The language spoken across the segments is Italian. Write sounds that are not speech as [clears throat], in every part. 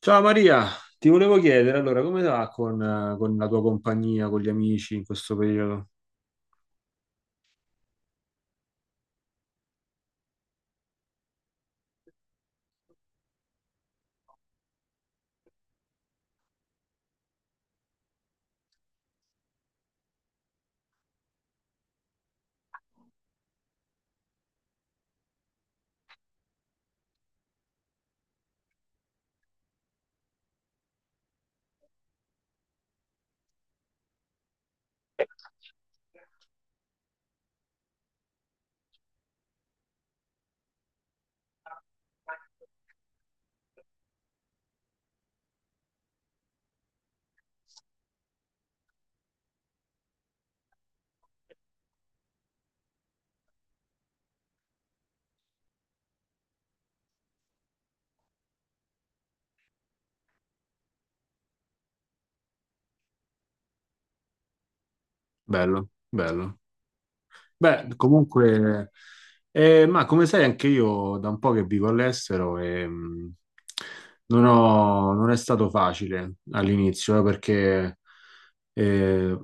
Ciao Maria, ti volevo chiedere allora come va con la tua compagnia, con gli amici in questo periodo? Bello, bello. Beh, comunque, ma come sai, anche io da un po' che vivo all'estero e non è stato facile all'inizio, perché eh,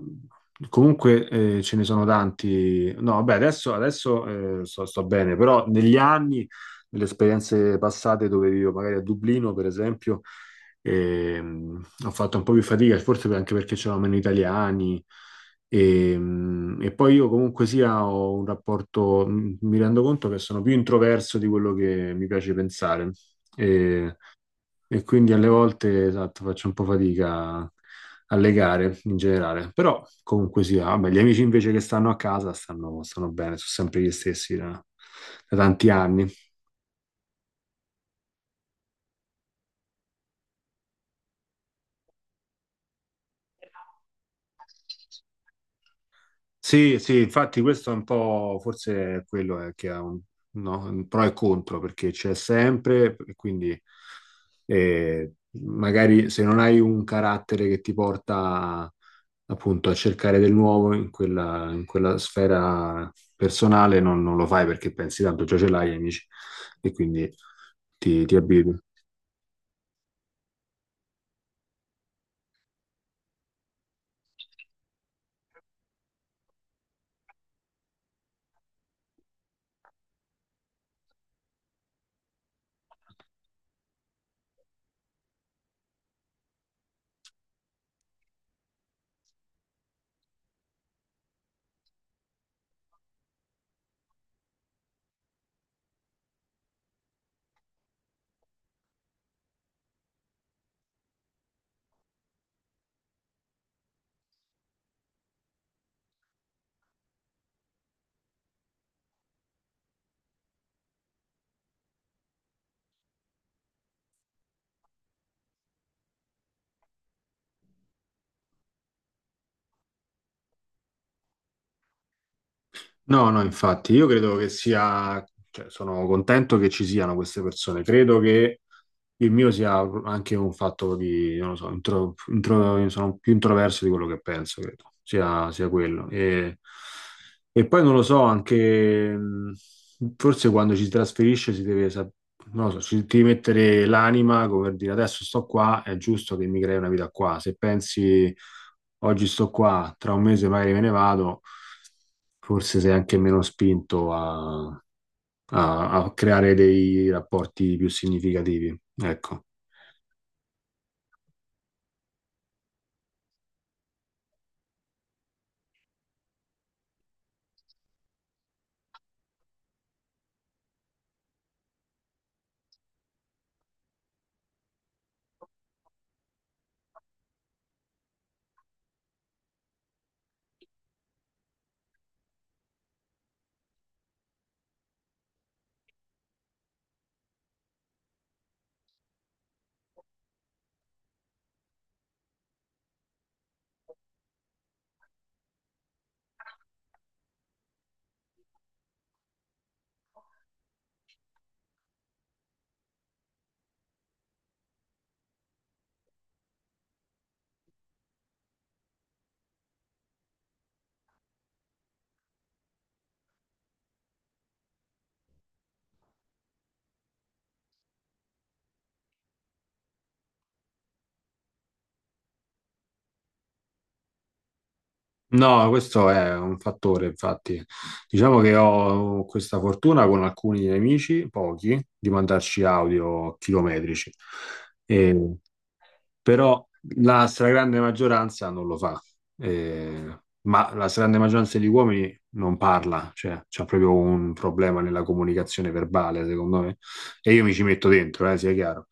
comunque ce ne sono tanti. No, vabbè, adesso, adesso, sto, sto bene, però negli anni, nelle esperienze passate dove vivo, magari a Dublino, per esempio, ho fatto un po' più fatica, forse anche perché c'erano meno italiani. E poi io comunque sia ho un rapporto, mi rendo conto che sono più introverso di quello che mi piace pensare e, e quindi alle volte esatto, faccio un po' fatica a legare in generale, però comunque sia, vabbè, gli amici invece che stanno a casa stanno, stanno bene, sono sempre gli stessi da tanti anni. Sì, sì, infatti questo è un po', forse è quello che ha no, un pro e contro, perché c'è sempre, e quindi eh, magari se non hai un carattere che ti porta appunto a cercare del nuovo in quella sfera personale, non lo fai perché pensi tanto già ce l'hai, amici, e quindi ti abitui. No, no, infatti, io credo che sia, cioè, sono contento che ci siano queste persone, credo che il mio sia anche un fatto di, non lo so, sono più introverso di quello che penso, credo, sia quello. E poi non lo so, anche forse quando ci si trasferisce si deve, non lo so, ci devi mettere l'anima, come per dire adesso sto qua, è giusto che mi crei una vita qua. Se pensi oggi sto qua, tra un mese magari me ne vado, forse sei anche meno spinto a a creare dei rapporti più significativi. Ecco. No, questo è un fattore, infatti. Diciamo che ho questa fortuna con alcuni amici, pochi, di mandarci audio chilometrici. Mm. E però la stragrande maggioranza non lo fa. Ma la stragrande maggioranza degli uomini non parla, cioè c'è proprio un problema nella comunicazione verbale, secondo me, e io mi ci metto dentro, sia chiaro.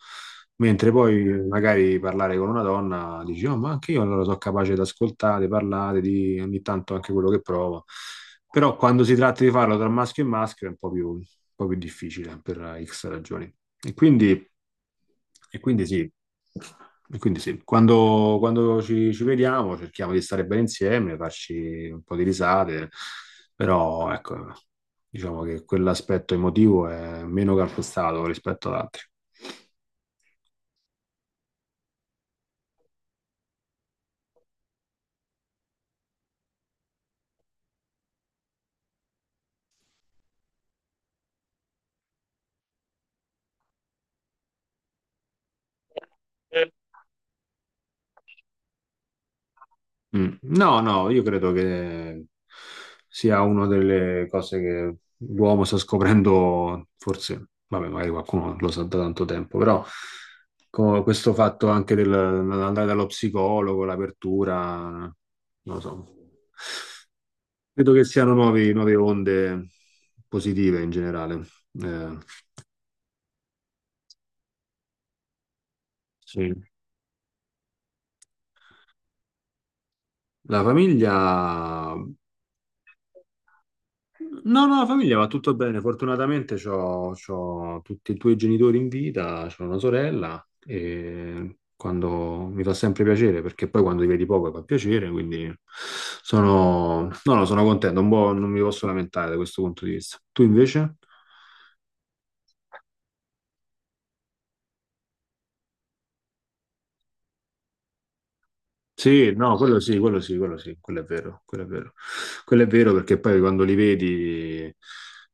Mentre poi magari parlare con una donna dici, oh, ma anche io allora sono capace di ascoltare, parlare, di ogni tanto anche quello che provo. Però quando si tratta di farlo tra maschio e maschio è un po' più difficile per X ragioni. E quindi, e quindi sì, e quindi sì. Quando ci vediamo cerchiamo di stare bene insieme, farci un po' di risate, però ecco, diciamo che quell'aspetto emotivo è meno calpestato rispetto ad altri. Mm. No, no, io credo che sia una delle cose che l'uomo sta scoprendo, forse, vabbè, magari qualcuno lo sa da tanto tempo, però questo fatto anche dell'andare dallo psicologo, l'apertura, non lo so, credo che siano nuove onde positive in generale. Eh, sì. La famiglia. No, no, la famiglia va tutto bene. Fortunatamente c'ho tutti e due i genitori in vita, c'ho una sorella e quando mi fa sempre piacere, perché poi quando li vedi poco fa piacere, quindi no, no, sono contento, un po' non mi posso lamentare da questo punto di vista. Tu invece? Sì, no, quello sì, quello sì, quello sì, quello è vero, quello è vero. Quello è vero perché poi quando li vedi,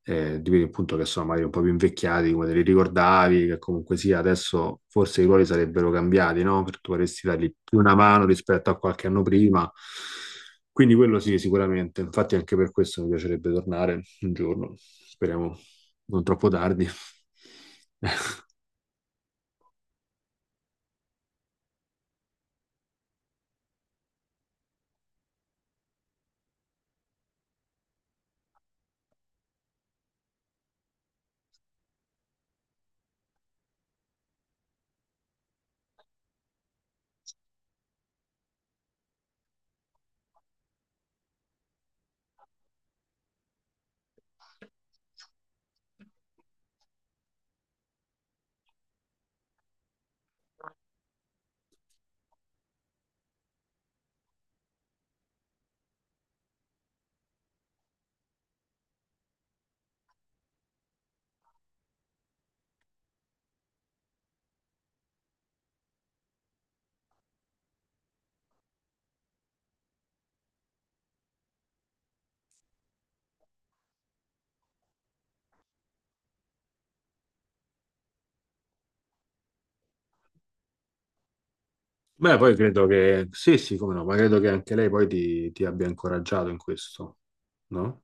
ti vedi appunto che sono magari un po' più invecchiati, come te li ricordavi, che comunque sia, adesso forse i ruoli sarebbero cambiati, no? Perché vorresti dargli più una mano rispetto a qualche anno prima. Quindi quello sì, sicuramente. Infatti anche per questo mi piacerebbe tornare un giorno, speriamo non troppo tardi. [laughs] Beh, poi credo che, sì, sì, come no, ma credo che anche lei poi ti abbia incoraggiato in questo, no?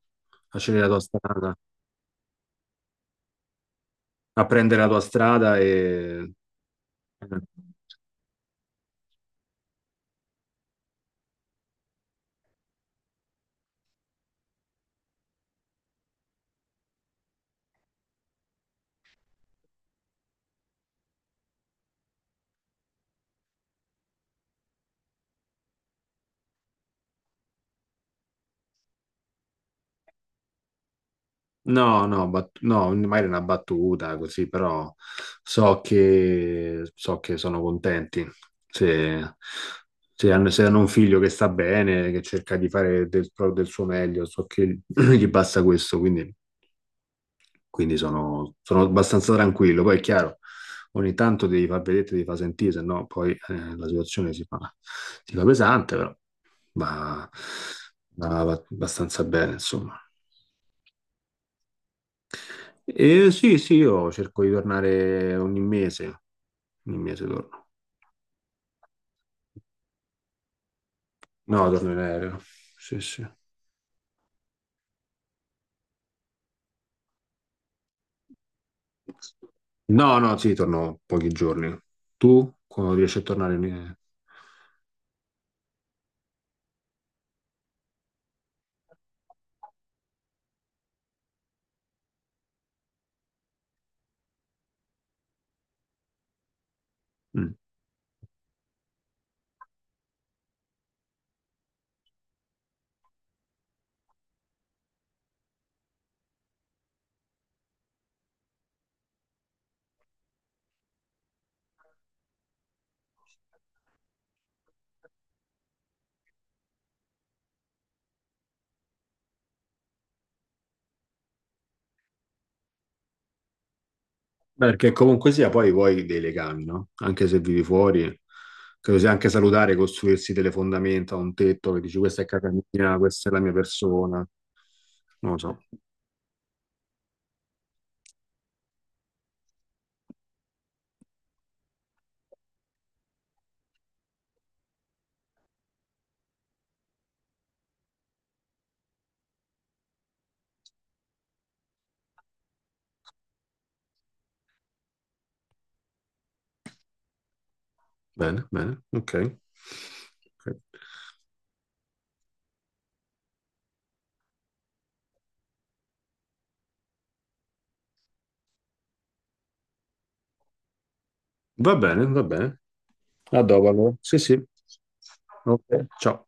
A scegliere la tua strada, a prendere la tua strada e... No, no, no, magari una battuta così, però so che sono contenti. Se, se hanno un figlio che sta bene, che cerca di fare del suo meglio, so che [clears throat] gli basta questo, quindi sono, sono abbastanza tranquillo. Poi è chiaro, ogni tanto devi far vedere, devi far sentire, se no poi la situazione si fa pesante, però va, va abbastanza bene, insomma. E sì, sì, io cerco di tornare ogni mese torno. No, torno in aereo, sì, sì. No, no, sì, torno pochi giorni. Tu, quando riesci a tornare? Mm. Beh, perché comunque sia, poi vuoi dei legami, no? Anche se vivi fuori, credo sia anche salutare costruirsi delle fondamenta, un tetto che dici questa è casa mia, questa è la mia persona. Non lo so. Bene, bene, ok. Ok. Va bene, va bene. A dopo allora. Sì, sì. Ok, ciao.